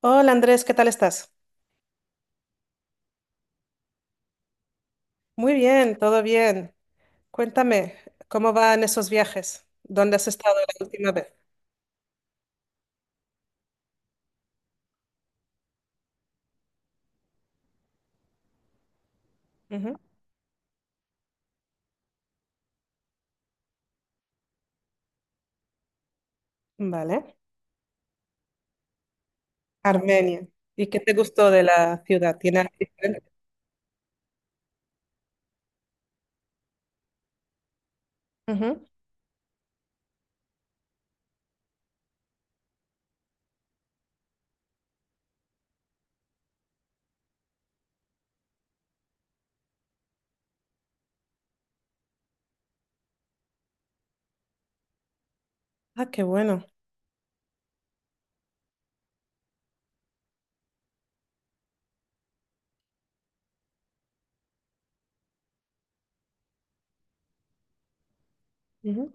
Hola Andrés, ¿qué tal estás? Muy bien, todo bien. Cuéntame, ¿cómo van esos viajes? ¿Dónde has estado la última vez? Ujú. Vale. Armenia. ¿Y qué te gustó de la ciudad? ¿Tiene algo diferente? Ujú. Ah, qué bueno. Ujú.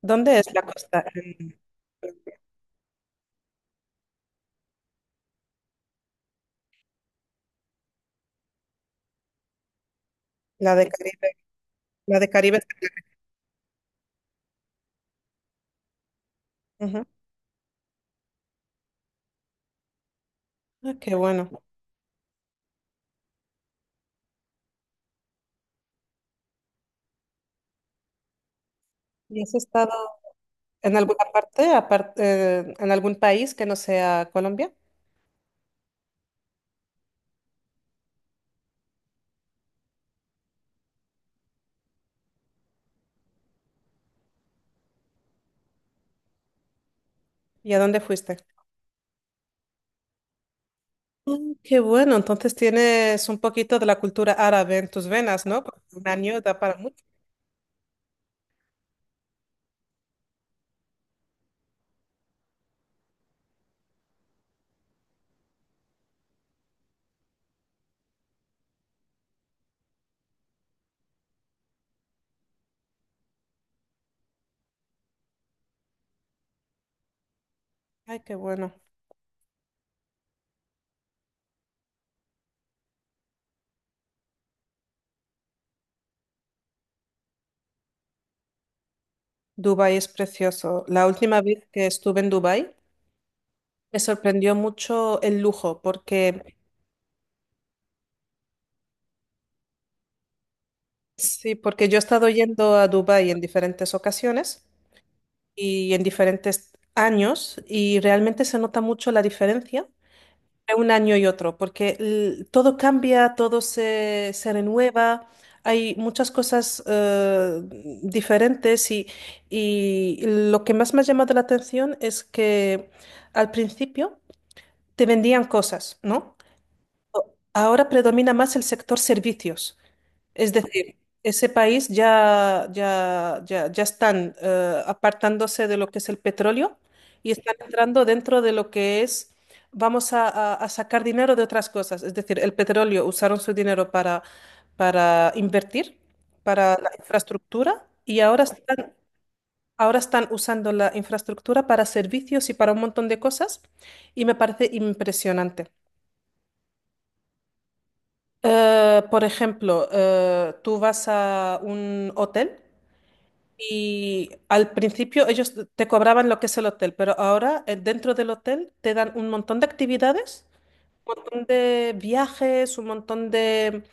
¿Dónde es la costa? La de Caribe. La de Caribe. Ujú. Ah, qué bueno. ¿Y has estado en alguna parte, aparte, en algún país que no sea Colombia? ¿Y a dónde fuiste? Mm, qué bueno, entonces tienes un poquito de la cultura árabe en tus venas, ¿no? Porque un año da para mucho. Ay, qué bueno. Dubái es precioso. La última vez que estuve en Dubái me sorprendió mucho el lujo, porque sí, porque yo he estado yendo a Dubái en diferentes ocasiones y en diferentes años y realmente se nota mucho la diferencia entre un año y otro, porque todo cambia, todo se renueva, hay muchas cosas diferentes y lo que más me ha llamado la atención es que al principio te vendían cosas, ¿no? Ahora predomina más el sector servicios. Es decir, ese país ya, ya, ya, ya están apartándose de lo que es el petróleo y están entrando dentro de lo que es, vamos a sacar dinero de otras cosas. Es decir, el petróleo usaron su dinero para invertir, para la infraestructura y ahora están usando la infraestructura para servicios y para un montón de cosas y me parece impresionante. Por ejemplo, tú vas a un hotel. Y al principio ellos te cobraban lo que es el hotel, pero ahora dentro del hotel te dan un montón de actividades, un montón de viajes, un montón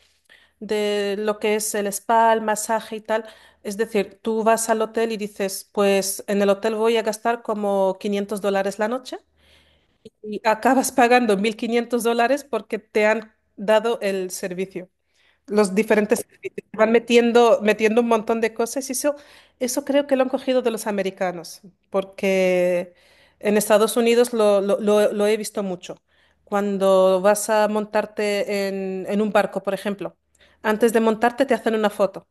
de lo que es el spa, el masaje y tal. Es decir, tú vas al hotel y dices, pues en el hotel voy a gastar como $500 la noche y acabas pagando $1500 porque te han dado el servicio los diferentes servicios. Van metiendo, metiendo un montón de cosas y eso creo que lo han cogido de los americanos, porque en Estados Unidos lo he visto mucho. Cuando vas a montarte en un barco, por ejemplo, antes de montarte te hacen una foto.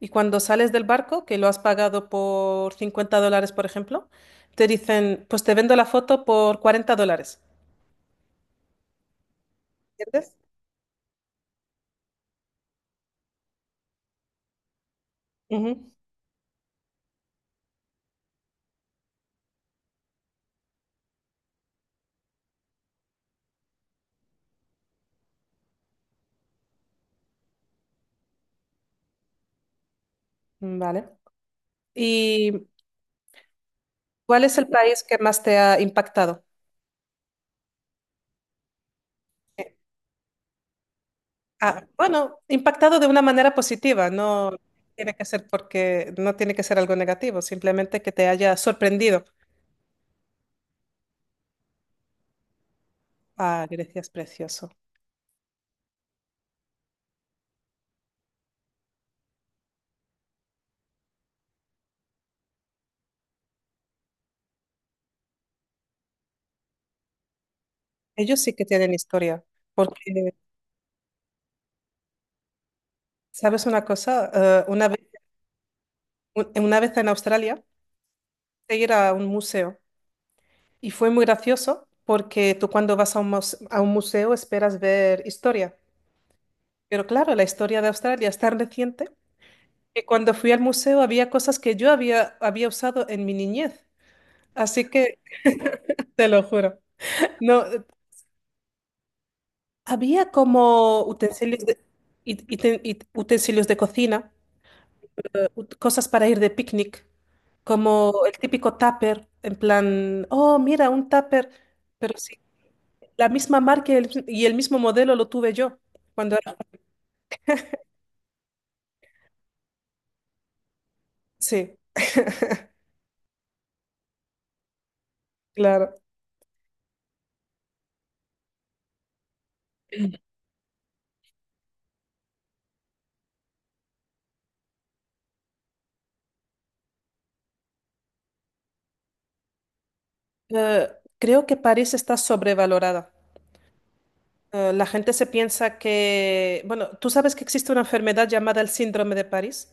Y cuando sales del barco, que lo has pagado por $50, por ejemplo, te dicen, pues te vendo la foto por $40. ¿Entiendes? Ujú. Vale. Y ¿cuál es el país que más te ha impactado? Eh, ah, bueno, impactado de una manera positiva, no tiene que ser porque no tiene que ser algo negativo, simplemente que te haya sorprendido. Ah, Grecia es precioso. Ellos sí que tienen historia, porque, ¿sabes una cosa? Una vez, una vez en Australia, de ir a un museo y fue muy gracioso porque tú cuando vas a un, a un museo esperas ver historia, pero claro, la historia de Australia es tan reciente que cuando fui al museo había cosas que yo había usado en mi niñez. Así que te lo juro. No, había como utensilios de, y- y te- utensilios de cocina, cosas para ir de picnic, como el típico tupper, en plan, oh, mira, un tupper, pero sí, la misma marca y el mismo modelo lo tuve yo cuando era... Sí, claro. Eh, Creo que París está sobrevalorada. La gente se piensa que, bueno, tú sabes que existe una enfermedad llamada el síndrome de París,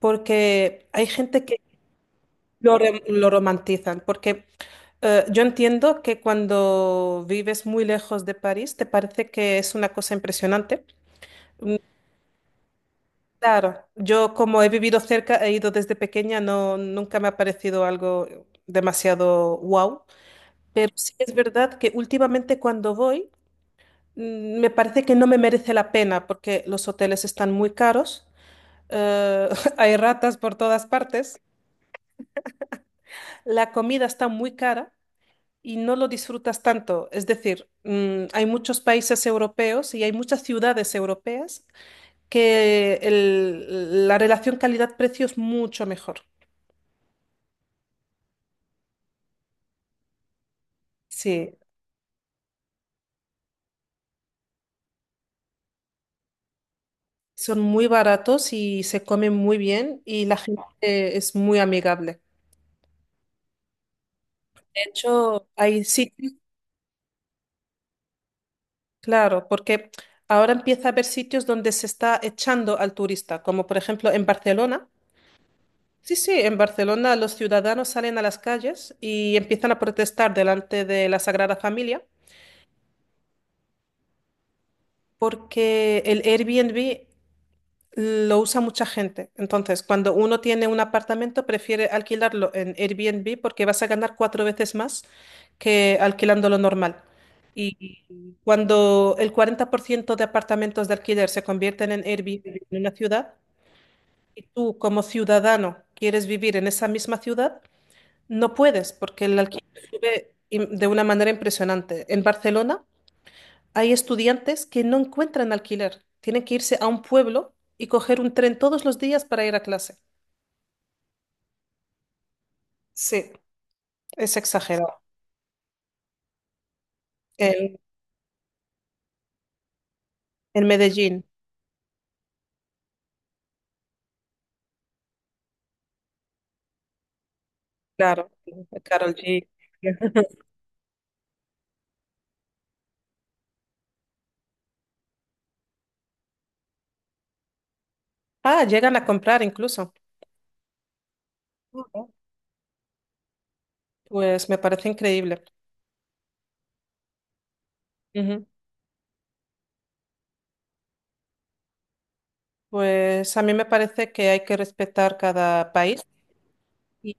porque hay gente que lo romantizan, porque yo entiendo que cuando vives muy lejos de París te parece que es una cosa impresionante. Claro, yo como he vivido cerca, he ido desde pequeña, no, nunca me ha parecido algo demasiado wow, pero sí es verdad que últimamente cuando voy, mm, me parece que no me merece la pena porque los hoteles están muy caros. Eh, hay ratas por todas partes, la comida está muy cara y no lo disfrutas tanto. Es decir, mm, hay muchos países europeos y hay muchas ciudades europeas que la relación calidad-precio es mucho mejor. Sí, son muy baratos y se comen muy bien y la gente es muy amigable. De hecho, hay sitios, claro, porque ahora empieza a haber sitios donde se está echando al turista, como por ejemplo en Barcelona. Sí, sí, en Barcelona los ciudadanos salen a las calles y empiezan a protestar delante de la Sagrada Familia porque el Airbnb lo usa mucha gente. Entonces, cuando uno tiene un apartamento, prefiere alquilarlo en Airbnb porque vas a ganar cuatro veces más que alquilando lo normal. Y cuando el 40% de apartamentos de alquiler se convierten en Airbnb en una ciudad y tú como ciudadano quieres vivir en esa misma ciudad, no puedes, porque el alquiler sube de una manera impresionante. En Barcelona hay estudiantes que no encuentran alquiler. Tienen que irse a un pueblo y coger un tren todos los días para ir a clase. Sí, es exagerado. En, en Medellín, claro, Karol G. Ah, llegan a comprar incluso. Ujú. Pues me parece increíble. Ujú. Pues a mí me parece que hay que respetar cada país. Y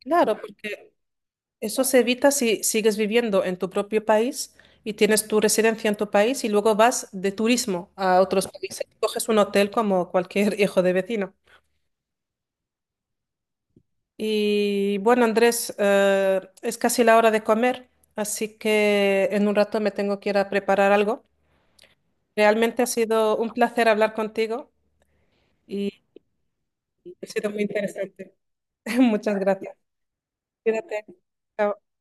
claro, porque eso se evita si sigues viviendo en tu propio país y tienes tu residencia en tu país y luego vas de turismo a otros países. Coges un hotel como cualquier hijo de vecino. Y bueno, Andrés, es casi la hora de comer, así que en un rato me tengo que ir a preparar algo. Realmente ha sido un placer hablar contigo y ha sido muy interesante. Muchas gracias. Cuídate. Chao.